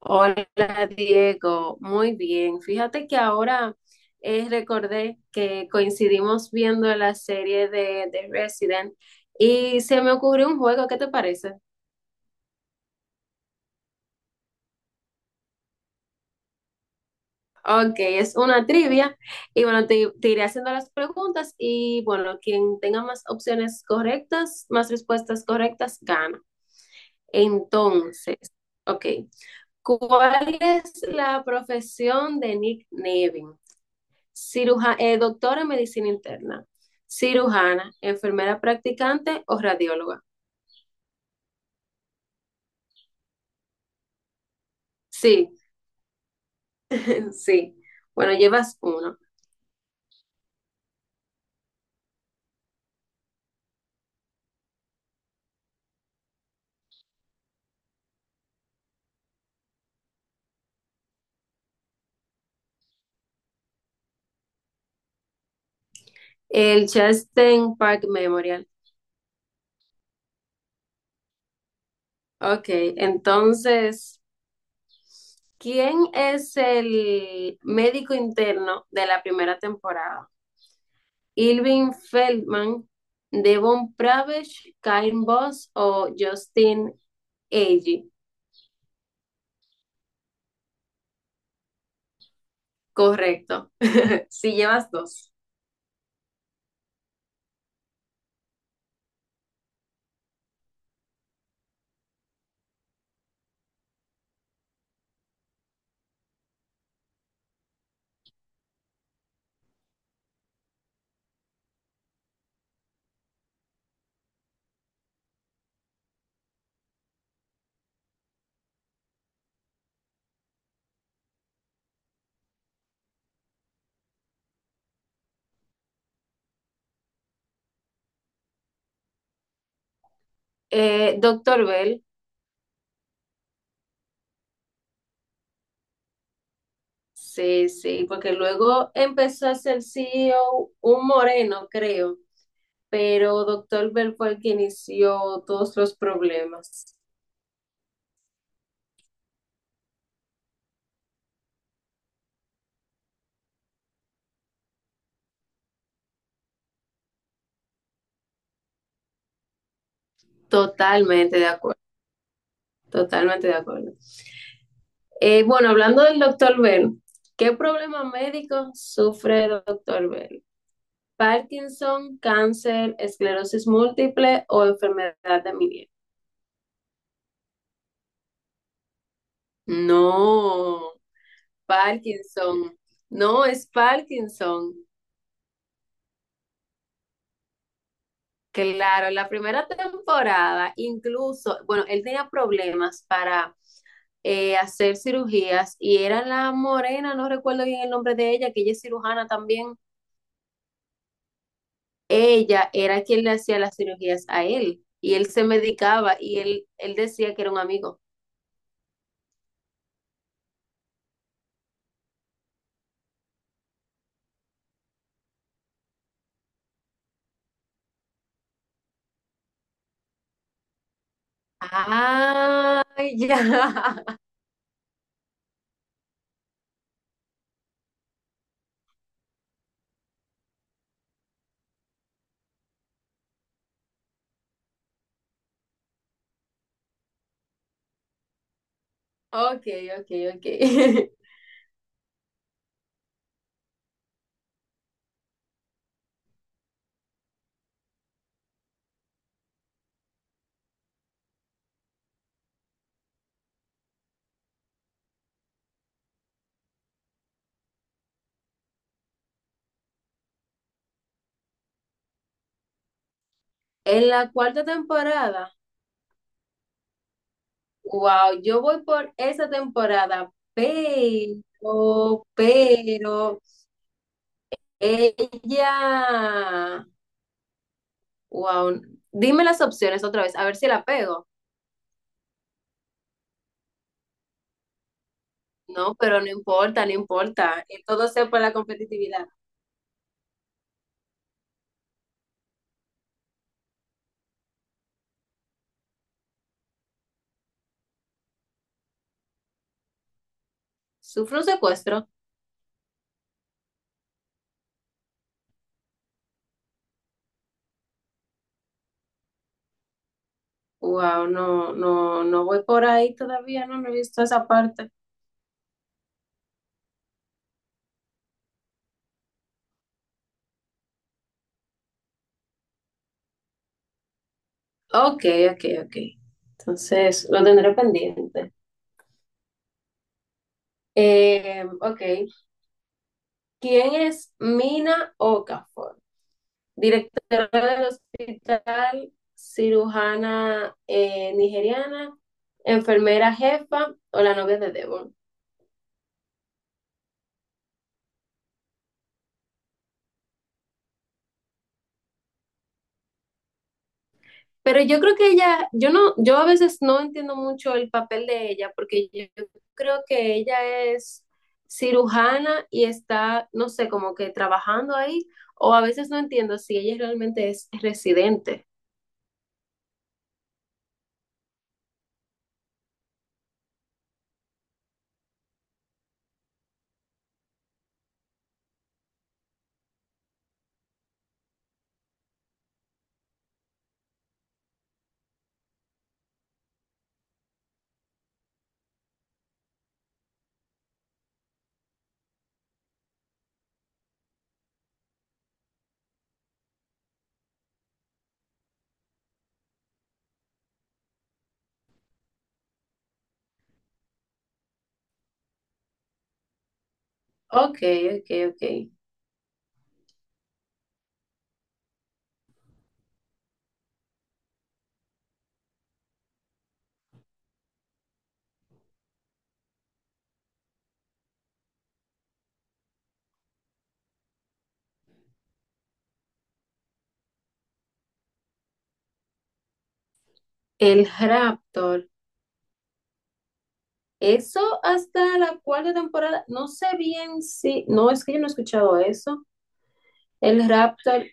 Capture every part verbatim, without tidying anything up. Hola Diego, muy bien. Fíjate que ahora eh, recordé que coincidimos viendo la serie de, de Resident y se me ocurrió un juego. ¿Qué te parece? Ok, es una trivia y bueno, te, te iré haciendo las preguntas y bueno, quien tenga más opciones correctas, más respuestas correctas, gana. Entonces, ok, ¿cuál es la profesión de Nick Nevin? Ciruja- eh, doctora en medicina interna, cirujana, enfermera practicante o radióloga. Sí, sí. Bueno, llevas uno. El Chastain Park Memorial. Ok, entonces, ¿quién es el médico interno de la primera temporada? Irving Feldman, Devon Pravesh, Karen Boss o Justin Agee. Correcto. Sí, llevas dos. Eh, Doctor Bell. Sí, sí, porque luego empezó a ser C E O un moreno, creo, pero doctor Bell fue el que inició todos los problemas. Totalmente de acuerdo, totalmente de acuerdo. Eh, bueno, hablando del doctor Bell, ¿qué problema médico sufre el doctor Bell? ¿Parkinson, cáncer, esclerosis múltiple o enfermedad de Meniere? No, Parkinson, no es Parkinson. Claro, la primera temporada, incluso, bueno, él tenía problemas para eh, hacer cirugías y era la morena, no recuerdo bien el nombre de ella, que ella es cirujana también. Ella era quien le hacía las cirugías a él y él se medicaba y él, él decía que era un amigo. Ah, ya. Ok, ok, ok. En la cuarta temporada, wow, yo voy por esa temporada, pero, pero ella, wow, dime las opciones otra vez, a ver si la pego. No, pero no importa, no importa. Eh, Todo sea por la competitividad. ¿Sufre un secuestro? Wow, no, no, no voy por ahí todavía, no, no he visto esa parte. Ok, ok, ok. Entonces, lo tendré pendiente. Eh, ok. ¿Quién es Mina Okafor? Directora del hospital, cirujana eh, nigeriana, enfermera jefa o la novia de Devon. Pero yo creo que ella, yo no, yo a veces no entiendo mucho el papel de ella, porque yo creo que ella es cirujana y está, no sé, como que trabajando ahí, o a veces no entiendo si ella realmente es residente. Ok, ok, ok. El rapto. Eso hasta la cuarta temporada, no sé bien si, no, es que yo no he escuchado eso. El Raptor,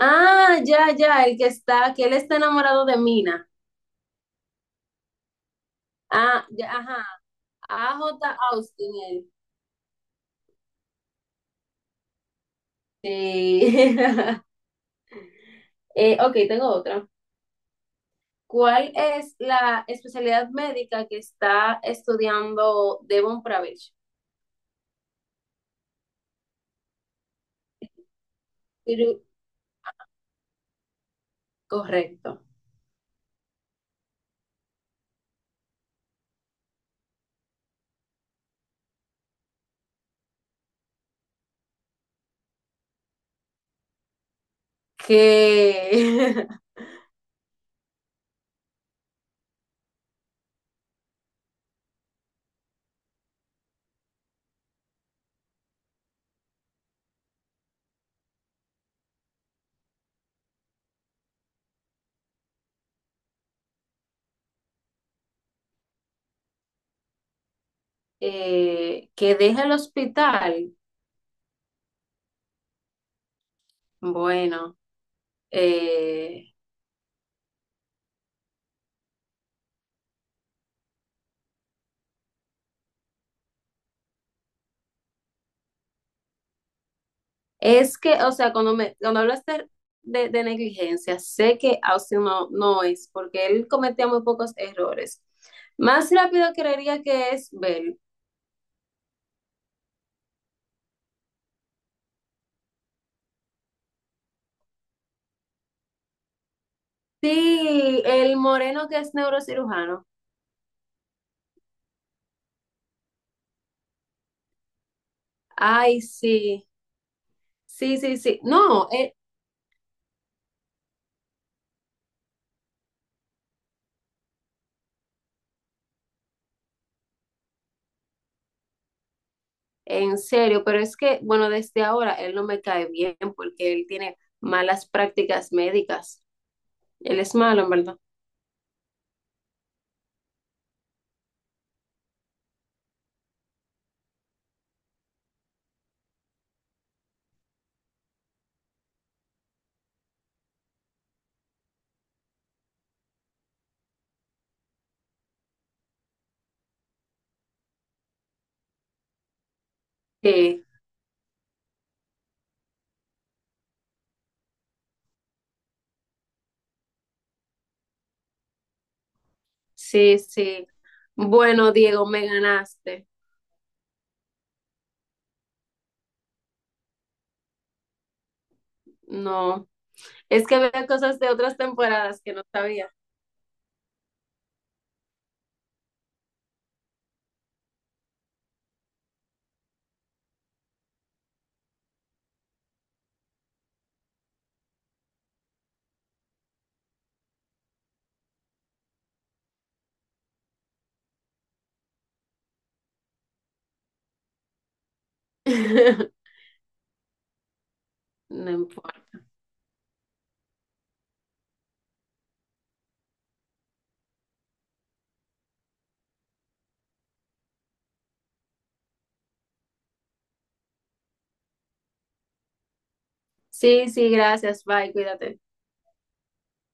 ah, ya, ya, el que está, que él está enamorado de Mina. Ah, ya, ajá, A J Austin, él. Sí. Eh, ok, tengo otra. ¿Cuál es la especialidad médica que está estudiando Devon Pravich? Ciru- Correcto. Que, eh, que deja el hospital. Bueno, eh, es que, o sea, cuando me, cuando hablaste de, de negligencia, sé que Austin no, no es, porque él cometía muy pocos errores. Más rápido creería que es Bell. Sí, el moreno que es neurocirujano. Ay, sí, sí, sí, sí. No, él, en serio, pero es que, bueno, desde ahora él no me cae bien porque él tiene malas prácticas médicas. Él es malo, en verdad. Sí, sí, sí. Bueno, Diego, me ganaste. No. Es que había cosas de otras temporadas que no sabía. No importa. Sí, sí, gracias. Bye, cuídate.